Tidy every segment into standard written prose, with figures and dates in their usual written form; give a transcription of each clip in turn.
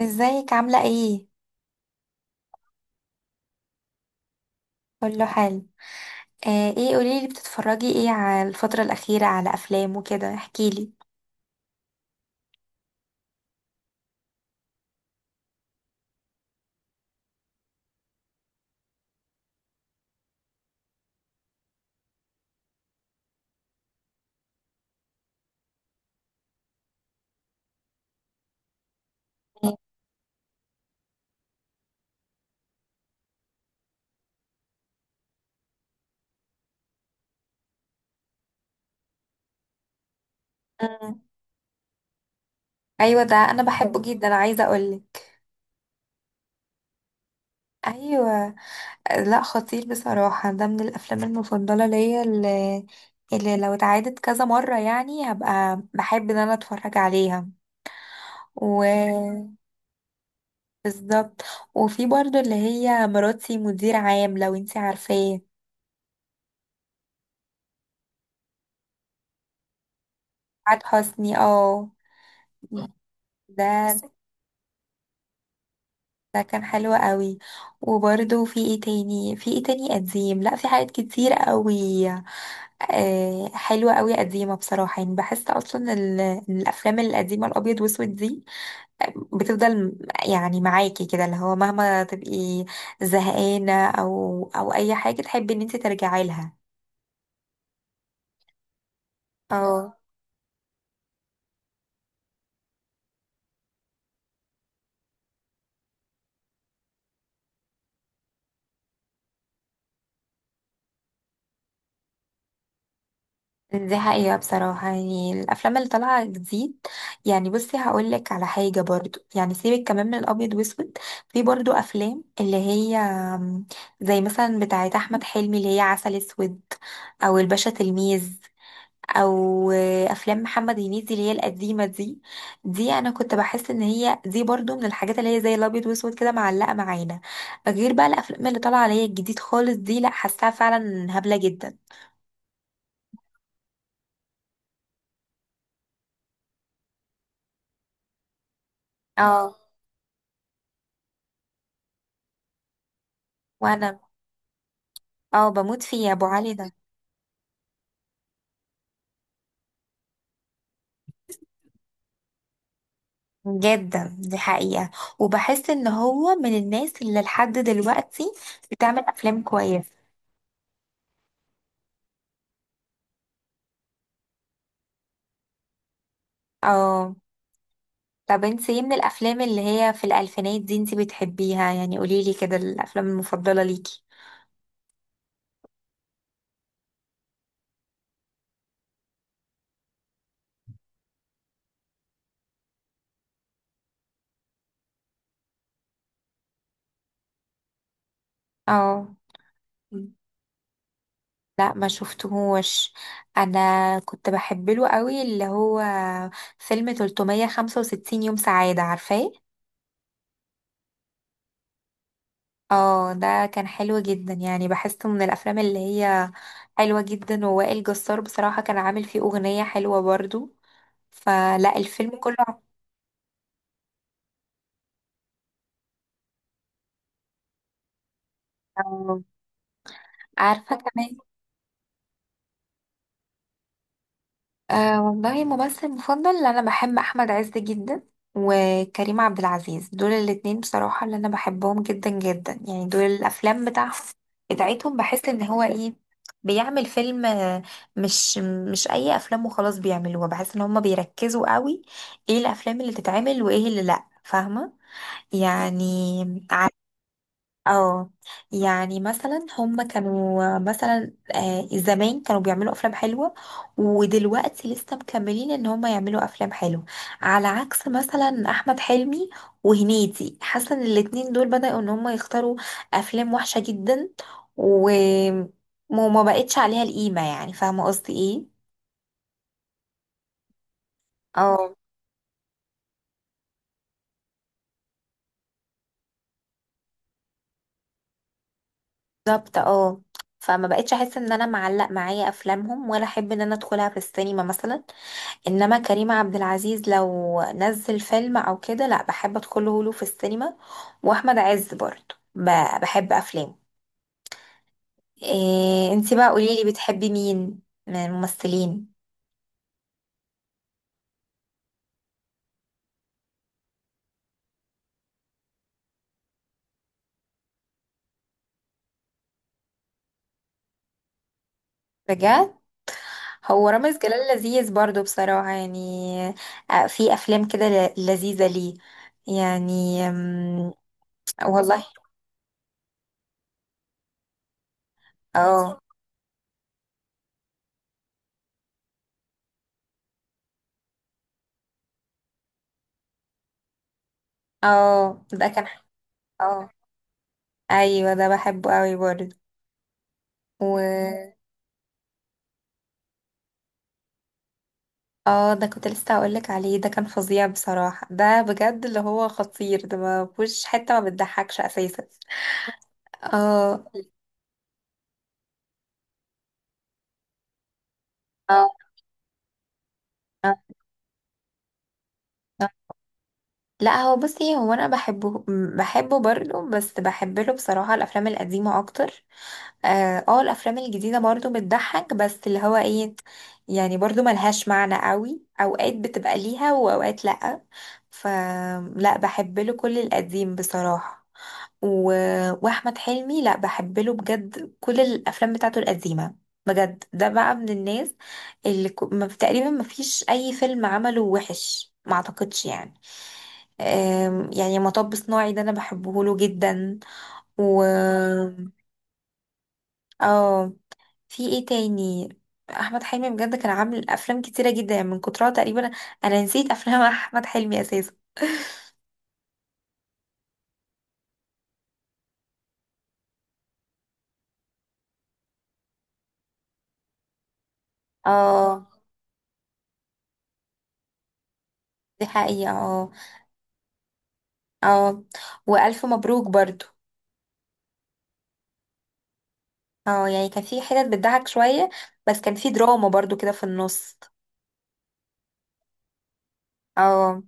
ازيك عاملة ايه؟ كله حلو. ايه، قوليلي بتتفرجي ايه على الفترة الأخيرة على أفلام وكده، احكيلي. مم. ايوه، ده انا بحبه جدا، عايزة اقولك. ايوه. لا، خطير بصراحة، ده من الأفلام المفضلة ليا اللي لو اتعادت كذا مرة، يعني هبقى بحب ان انا اتفرج عليها. و بالظبط. وفي برضو اللي هي مراتي مدير عام، لو انتي عارفاه. سعاد حسني، اه. ده ده كان حلو قوي. وبرده في ايه تاني، في ايه تاني قديم، لا في حاجات كتير قوي. حلوة قوي، قديمة بصراحة، يعني بحس اصلا الافلام القديمة الابيض واسود دي بتفضل، يعني معاكي كده، اللي هو مهما تبقي زهقانة او اي حاجة تحبي ان انت ترجعي لها. اه، دي حقيقة بصراحة، يعني الأفلام اللي طالعة جديد، يعني بصي هقولك على حاجة برضو، يعني سيبك كمان من الأبيض وأسود، في برضو أفلام اللي هي زي مثلا بتاعة أحمد حلمي اللي هي عسل أسود، أو الباشا تلميذ، أو أفلام محمد هنيدي اللي هي القديمة دي. دي أنا كنت بحس إن هي دي برضو من الحاجات اللي هي زي الأبيض وأسود كده، معلقة معانا. غير بقى الأفلام اللي طالعة اللي هي الجديد خالص دي، لأ، حاساها فعلا هبلة جدا. اه، وانا اه بموت فيه يا ابو علي ده. جدا، دي حقيقة، وبحس ان هو من الناس اللي لحد دلوقتي بتعمل افلام كويسة. اه. طب انت ايه من الافلام اللي هي في الالفينات دي انت بتحبيها؟ يعني قوليلي كده الافلام المفضلة ليكي. اه، لا ما شفتهوش. انا كنت بحب له قوي اللي هو فيلم 365 يوم سعادة، عارفاه؟ اه، ده كان حلو جدا، يعني بحسه من الافلام اللي هي حلوة جدا. ووائل جسار بصراحة كان عامل فيه اغنية حلوة برضو، فلا الفيلم كله آه، عارفة كمان. والله، ممثل مفضل انا بحب احمد عز جدا، وكريم عبد العزيز، دول الاتنين بصراحة اللي انا بحبهم جدا جدا، يعني دول الافلام بتاعهم بتاعتهم بحس ان هو ايه، بيعمل فيلم، مش مش اي افلام وخلاص بيعملوها، بحس ان هم بيركزوا قوي ايه الافلام اللي تتعمل وايه اللي لا، فاهمة يعني. اه، يعني مثلا هم كانوا مثلا زمان كانوا بيعملوا افلام حلوه، ودلوقتي لسه مكملين ان هم يعملوا افلام حلوه، على عكس مثلا احمد حلمي وهنيدي، حاسه ان الاتنين دول بدأوا ان هم يختاروا افلام وحشه جدا و- وما بقتش عليها القيمه، يعني فاهمه قصدي ايه. اه، بالظبط، اه. فما بقتش احس ان انا معلق معايا افلامهم، ولا احب ان انا ادخلها في السينما مثلا. انما كريم عبد العزيز لو نزل فيلم او كده، لا، بحب ادخله له في السينما. واحمد عز برضه بحب افلامه. إيه انتي بقى، قوليلي بتحبي مين من الممثلين؟ بجد، هو رامز جلال لذيذ برضه بصراحة، يعني في افلام كده لذيذة ليه، يعني والله. اه، اه، ده كان، اه، ايوه ده بحبه قوي برضه. اه، ده كنت لسه هقولك عليه، ده كان فظيع بصراحة، ده بجد اللي هو خطير، ده ما فيهوش حتة ما بتضحكش اساسا. اه، آه، آه، آه. لا، هو بصي، هو انا بحبه، برضه، بس بحب له بصراحة الافلام القديمة اكتر. اه، آه، الافلام الجديده برضو بتضحك، بس اللي هو ايه، يعني برضو ملهاش معنى قوي، اوقات بتبقى ليها واوقات لا. فلا، بحب له كل القديم بصراحه، و... واحمد حلمي لا، بحب له بجد كل الافلام بتاعته القديمه. بجد ده بقى من الناس اللي تقريبا ما فيش اي فيلم عمله وحش، ما اعتقدش يعني. يعني مطب صناعي ده انا بحبه له جدا. و اه، في ايه تاني؟ احمد حلمي بجد كان عامل افلام كتيره جدا يعني، من كترها تقريبا انا نسيت افلام احمد حلمي اساسا. اه، دي حقيقه، اه. اه، والف مبروك برضو. اه، يعني كان في حتت بتضحك شويه، بس كان في دراما برضو كده في النص. اه،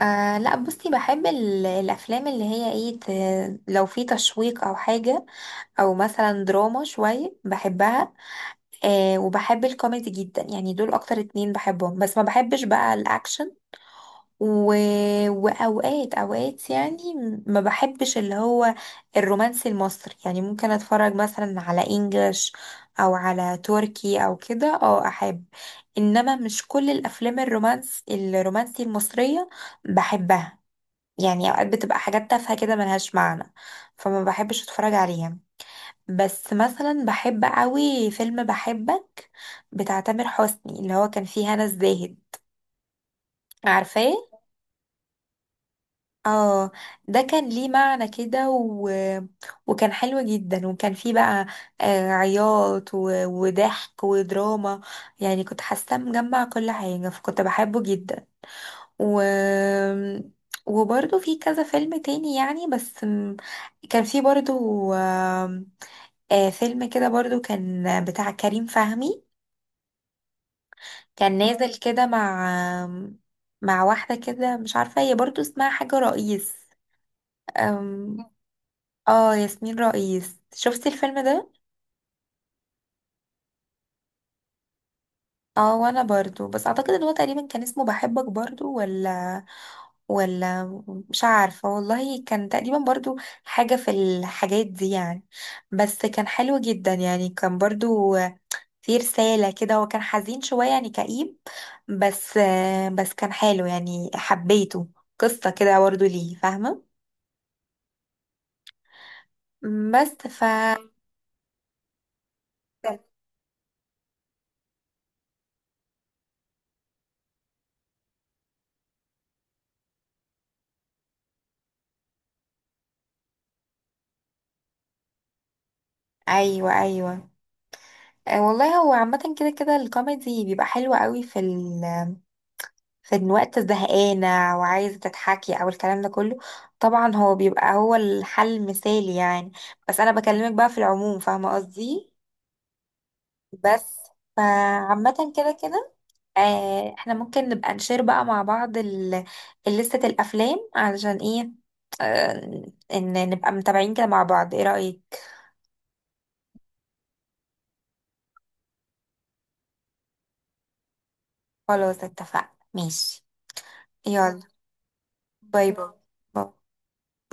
لا، بصي بحب الافلام اللي هي ايه، لو في تشويق او حاجه، او مثلا دراما شويه بحبها. وبحب الكوميدي جدا، يعني دول اكتر اتنين بحبهم، بس ما بحبش بقى الاكشن. و... واوقات، اوقات يعني ما بحبش اللي هو الرومانسي المصري، يعني ممكن اتفرج مثلا على انجلش او على تركي او كده، اه، احب. انما مش كل الافلام الرومانسي المصرية بحبها، يعني اوقات بتبقى حاجات تافهة كده ملهاش معنى، فما بحبش اتفرج عليها. بس مثلا بحب قوي فيلم بحبك بتاع تامر حسني، اللي هو كان فيه هنا الزاهد، عارفاه؟ اه، ده كان ليه معنى كده، وكان حلو جدا، وكان فيه بقى عياط وضحك ودراما، يعني كنت حاسة مجمع كل حاجة، فكنت بحبه جدا، و وبرضه في كذا فيلم تاني يعني، بس كان في برضه آم، فيلم كده برضه كان بتاع كريم فهمي، كان نازل كده مع آم، مع واحدة كده، مش عارفة هي برضه اسمها حاجة رئيس، آم، اه، ياسمين رئيس، شفتي الفيلم ده؟ اه، وانا برضو، بس اعتقد ان هو تقريبا كان اسمه بحبك برضو، ولا ولا مش عارفة والله. كان تقريبا برضو حاجة في الحاجات دي يعني، بس كان حلو جدا يعني، كان برضو في رسالة كده، هو كان حزين شوية يعني كئيب، بس بس كان حلو يعني حبيته، قصة كده برضو ليه، فاهمة. بس مم. ايوه، ايوه، والله هو عامة كده كده الكوميدي بيبقى حلو قوي، في إن وقت زهقانة وعايزة تتحكي أو الكلام ده كله، طبعا هو بيبقى هو الحل المثالي يعني. بس أنا بكلمك بقى في العموم، فاهمة قصدي. بس، فعامة كده كده، احنا ممكن نبقى نشير بقى مع بعض لستة الأفلام، علشان ايه، إن نبقى متابعين كده مع بعض، ايه رأيك؟ خلاص، اتفقنا، ماشي. يلا، باي باي باي.